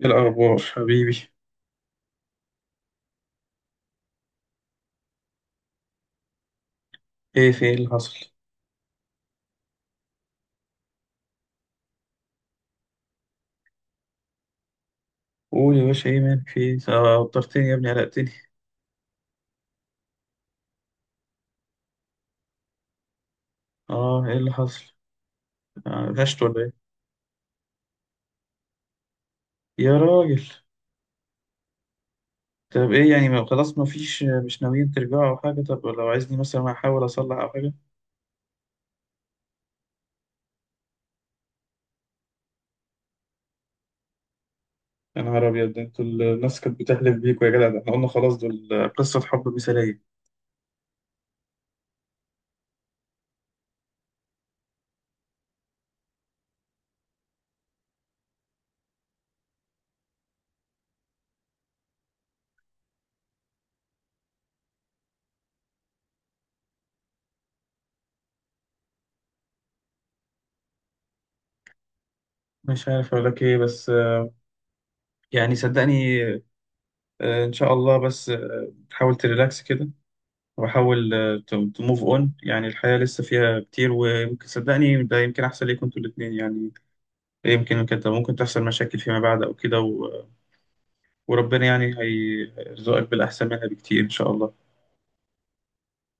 ايه الأخبار حبيبي؟ ايه في ايه اللي حصل؟ قول يا باشا ايه مالك في ايه؟ وترتني يا ابني قلقتني. اه ايه اللي حصل؟ غشت ولا ايه؟ يا راجل، طب ايه يعني، ما خلاص ما فيش، مش ناويين ترجعوا أو حاجة؟ طب لو عايزني مثلا أحاول أصلح أو حاجة؟ يا نهار أبيض، ده انتوا الناس كانت بتحلف بيكوا يا جدع، ده احنا قلنا خلاص دول قصة حب مثالية. مش عارف أقول لك ايه بس يعني صدقني، إن شاء الله، بس تحاول تريلاكس كده، واحاول تو موف اون، يعني الحياة لسه فيها كتير، وممكن صدقني ده يمكن احسن ليكم انتوا الاتنين يعني. يمكن كده ممكن تحصل مشاكل فيما بعد او كده، وربنا يعني هيرزقك بالاحسن منها بكتير ان شاء الله.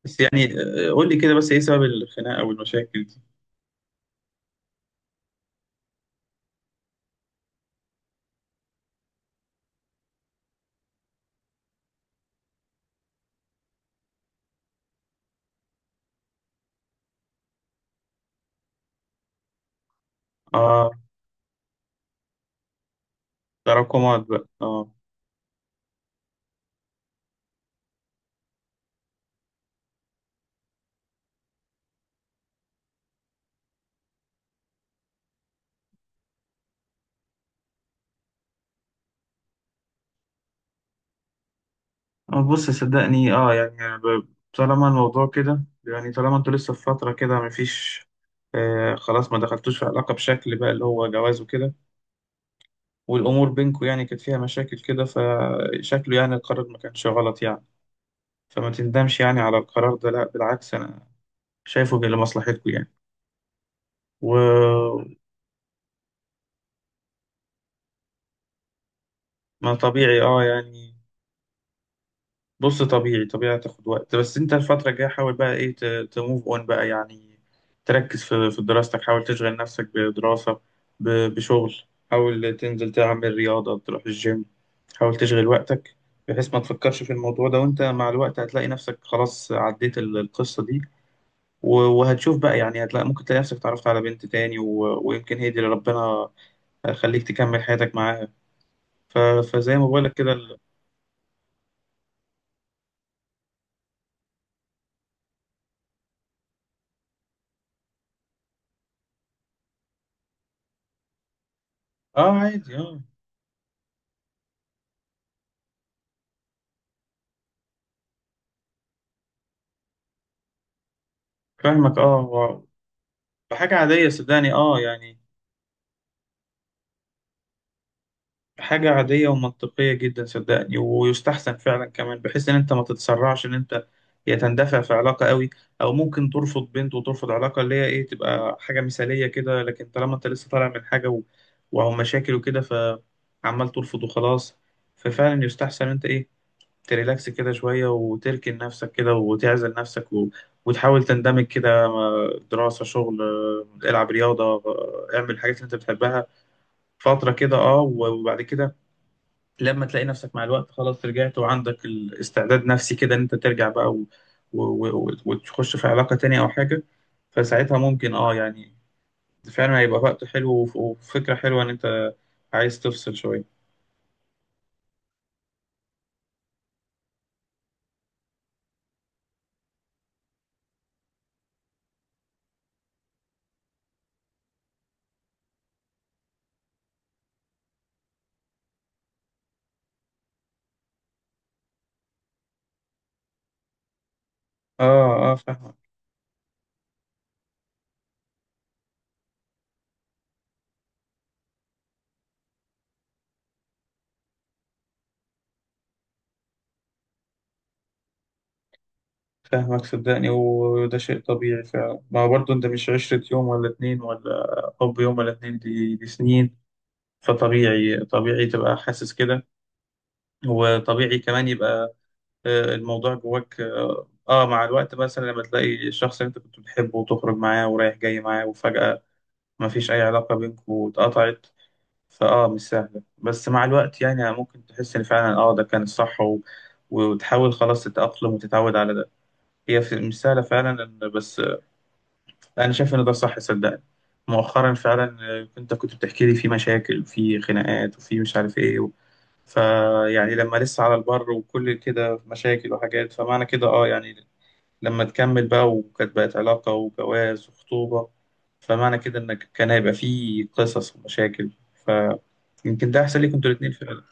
بس يعني قول لي كده بس ايه سبب الخناقة او المشاكل دي. اه، تراكمات بقى، اه. بص صدقني، اه يعني أنا طالما الموضوع كده يعني، طالما انتوا لسه في فترة كده مفيش آه، خلاص ما دخلتوش في علاقة بشكل بقى اللي هو جواز وكده، والأمور بينكم يعني كانت فيها مشاكل كده، فشكله يعني القرار ما كانش غلط يعني. فما تندمش يعني على القرار ده، لا بالعكس، أنا شايفه لمصلحتكم يعني. وما طبيعي اه يعني. بص طبيعي طبيعي هتاخد وقت، بس انت الفترة الجاية حاول بقى ايه، تموف اون بقى يعني. تركز في دراستك، حاول تشغل نفسك بدراسة، بشغل، حاول تنزل تعمل رياضة، تروح الجيم، حاول تشغل وقتك بحيث ما تفكرش في الموضوع ده. وانت مع الوقت هتلاقي نفسك خلاص عديت القصة دي، وهتشوف بقى يعني، هتلاقي ممكن تلاقي نفسك اتعرفت على بنت تاني، ويمكن هي دي اللي ربنا خليك تكمل حياتك معاها. ف... فزي ما بقولك كده. اه عادي اه، فاهمك اه. بحاجة عادية صدقني اه يعني، حاجة عادية ومنطقية جدا صدقني، ويستحسن فعلا كمان بحيث ان انت ما تتسرعش، ان انت يا تندفع في علاقة قوي، او ممكن ترفض بنت وترفض علاقة اللي هي ايه، تبقى حاجة مثالية كده، لكن طالما انت لسه طالع من حاجة وأو مشاكل وكده فعمال ترفض وخلاص. ففعلا يستحسن انت ايه، تريلاكس كده شوية وتركن نفسك كده وتعزل نفسك وتحاول تندمج كده مع دراسة، شغل، العب رياضة، اعمل الحاجات اللي انت بتحبها فترة كده اه. وبعد كده لما تلاقي نفسك مع الوقت خلاص رجعت، وعندك الاستعداد نفسي كده ان انت ترجع بقى و... وتخش في علاقة تانية او حاجة، فساعتها ممكن اه يعني فعلا هيبقى وقت حلو، وفكرة حلوة ان انت عايز تفصل شوية. اه اه فاهمك. فاهمك صدقني، وده شيء طبيعي فعلا، ما هو برضه انت مش عشرة يوم ولا اتنين، ولا حب يوم ولا اتنين، دي سنين. فطبيعي طبيعي تبقى حاسس كده، وطبيعي كمان يبقى الموضوع جواك اه. مع الوقت مثلا لما تلاقي الشخص اللي انت كنت بتحبه وتخرج معاه ورايح جاي معاه، وفجأة ما فيش اي علاقة بينكم واتقطعت، فاه مش سهلة. بس مع الوقت يعني ممكن تحس ان فعلا اه ده كان الصح، و... وتحاول خلاص تتأقلم وتتعود على ده. هي مش سهلة فعلا بس انا شايف ان ده صح صدقني. مؤخرا فعلا انت كنت بتحكي لي في مشاكل وفي خناقات وفي مش عارف ايه فيعني لما لسه على البر وكل كده مشاكل وحاجات، فمعنى كده اه يعني لما تكمل بقى وكانت بقت علاقة وجواز وخطوبة، فمعنى كده إنك كان هيبقى فيه قصص ومشاكل، فيمكن ده أحسن ليكوا أنتوا الاتنين فعلا.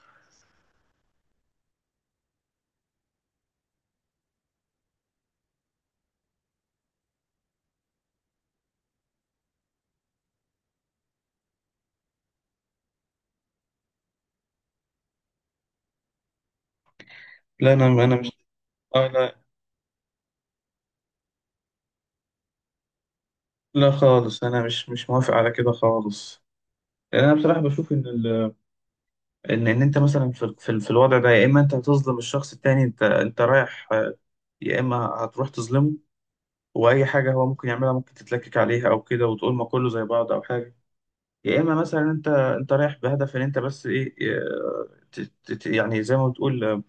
لا أنا مش آه، لا لا خالص، أنا مش موافق على كده خالص. لأن أنا بصراحة بشوف إن إن أنت مثلا في الوضع ده يا إما أنت هتظلم الشخص التاني، أنت رايح يا إما هتروح تظلمه، وأي حاجة هو ممكن يعملها ممكن تتلكك عليها أو كده وتقول ما كله زي بعض أو حاجة. يا اما مثلا انت رايح بهدف ان انت بس ايه، يعني زي ما بتقول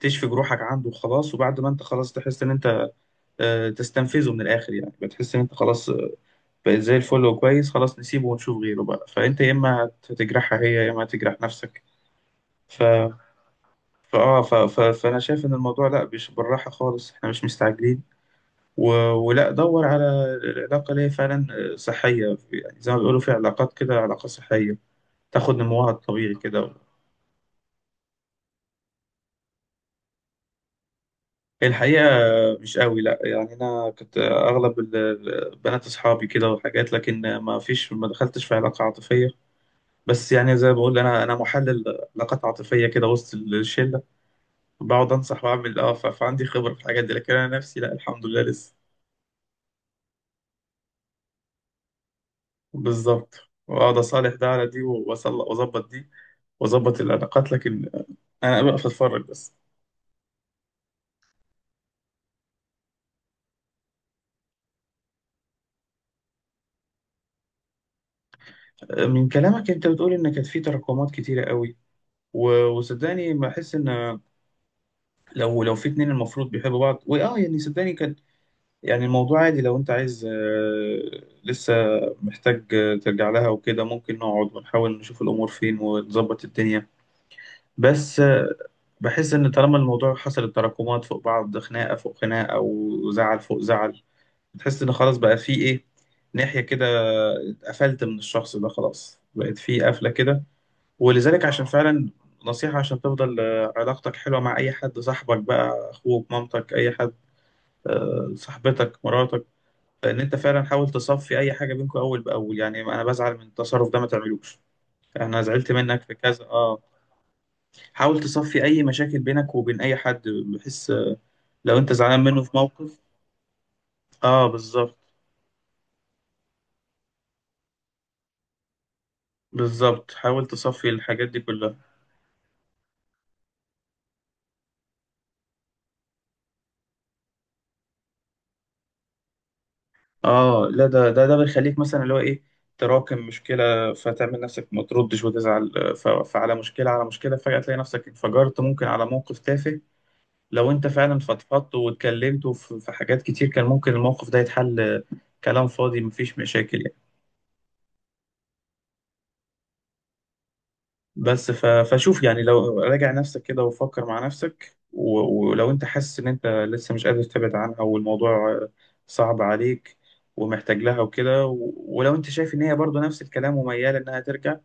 تشفي جروحك عنده وخلاص، وبعد ما انت خلاص تحس ان انت تستنفذه من الاخر يعني، بتحس ان انت خلاص بقيت زي الفل وكويس، خلاص نسيبه ونشوف غيره بقى، فانت يا اما هتجرحها هي، يا اما هتجرح نفسك. ف فاه ف... ف... فانا شايف ان الموضوع لا مش بالراحه خالص، احنا مش مستعجلين و... ولا دور على العلاقه اللي هي فعلا صحيه، يعني زي ما بيقولوا في علاقات كده علاقه صحيه تاخد نموها الطبيعي كده. الحقيقة مش قوي لا، يعني أنا كنت أغلب بنات أصحابي كده وحاجات، لكن ما فيش، ما دخلتش في علاقة عاطفية. بس يعني زي ما بقول، أنا محلل علاقات عاطفية كده وسط الشلة، بقعد أنصح وأعمل أه، فعندي خبرة في الحاجات دي، لكن أنا نفسي لا، الحمد لله لسه. بالظبط، وأقعد أصالح ده على دي وأظبط دي وأظبط العلاقات، لكن أنا بقف أتفرج بس. من كلامك أنت بتقول إن كانت في تراكمات كتيرة قوي، وصدقني بحس إن لو في اتنين المفروض بيحبوا بعض، واه يعني صدقني كان يعني الموضوع عادي. لو انت عايز لسه محتاج ترجع لها وكده، ممكن نقعد ونحاول نشوف الامور فين ونظبط الدنيا. بس بحس ان طالما الموضوع حصلت تراكمات فوق بعض، خناقه فوق خناقه وزعل فوق زعل، بتحس ان خلاص بقى في ايه، ناحيه كده اتقفلت من الشخص ده، خلاص بقت في قفله كده، ولذلك عشان فعلا نصيحة عشان تفضل علاقتك حلوة مع أي حد، صاحبك بقى، أخوك، مامتك، أي حد، صاحبتك، مراتك، إن أنت فعلا حاول تصفي أي حاجة بينكم أول بأول. يعني أنا بزعل من التصرف ده ما تعملوش، أنا زعلت منك في كذا أه. حاول تصفي أي مشاكل بينك وبين أي حد، بحيث لو أنت زعلان منه في موقف. أه بالظبط، بالظبط حاول تصفي الحاجات دي كلها. اه لا، ده بيخليك مثلا اللي هو ايه، تراكم مشكله فتعمل نفسك ما تردش وتزعل، فعلى مشكله على مشكله، فجاه تلاقي نفسك انفجرت ممكن على موقف تافه. لو انت فعلا فضفضت واتكلمت في حاجات كتير، كان ممكن الموقف ده يتحل كلام فاضي مفيش مشاكل يعني. بس فشوف يعني، لو راجع نفسك كده وفكر مع نفسك، ولو انت حاسس ان انت لسه مش قادر تبعد عنها، والموضوع صعب عليك ومحتاج لها وكده، ولو انت شايف ان هي برضو نفس الكلام ومياله انها ترجع،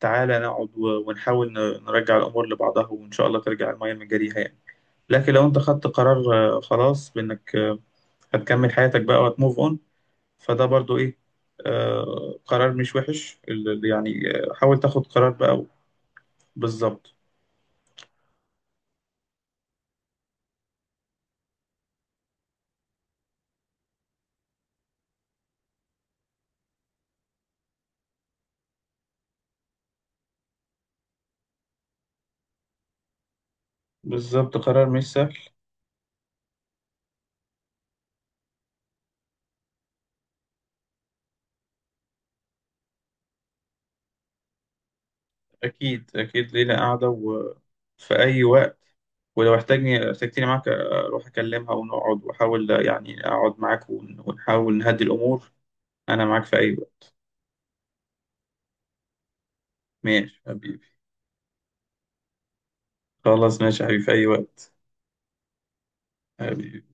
تعالى نقعد ونحاول نرجع الأمور لبعضها، وإن شاء الله ترجع المية من جريها يعني. لكن لو أنت خدت قرار خلاص بإنك هتكمل حياتك بقى وهتموف أون، فده برضو إيه، قرار مش وحش يعني حاول تاخد قرار بقى. بالظبط. بالظبط قرار مش سهل. أكيد أكيد، ليلة قاعدة وفي أي وقت. ولو احتاجني، احتاجتني معاك أروح أكلمها ونقعد وأحاول يعني أقعد معاك ونحاول نهدي الأمور. أنا معاك في أي وقت. ماشي حبيبي. خلاص ماشي يا حبيبي في أي وقت. حبيبي،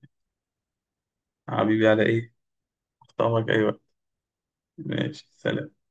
حبيبي على إيه؟ أخطبك أي وقت. ماشي سلام.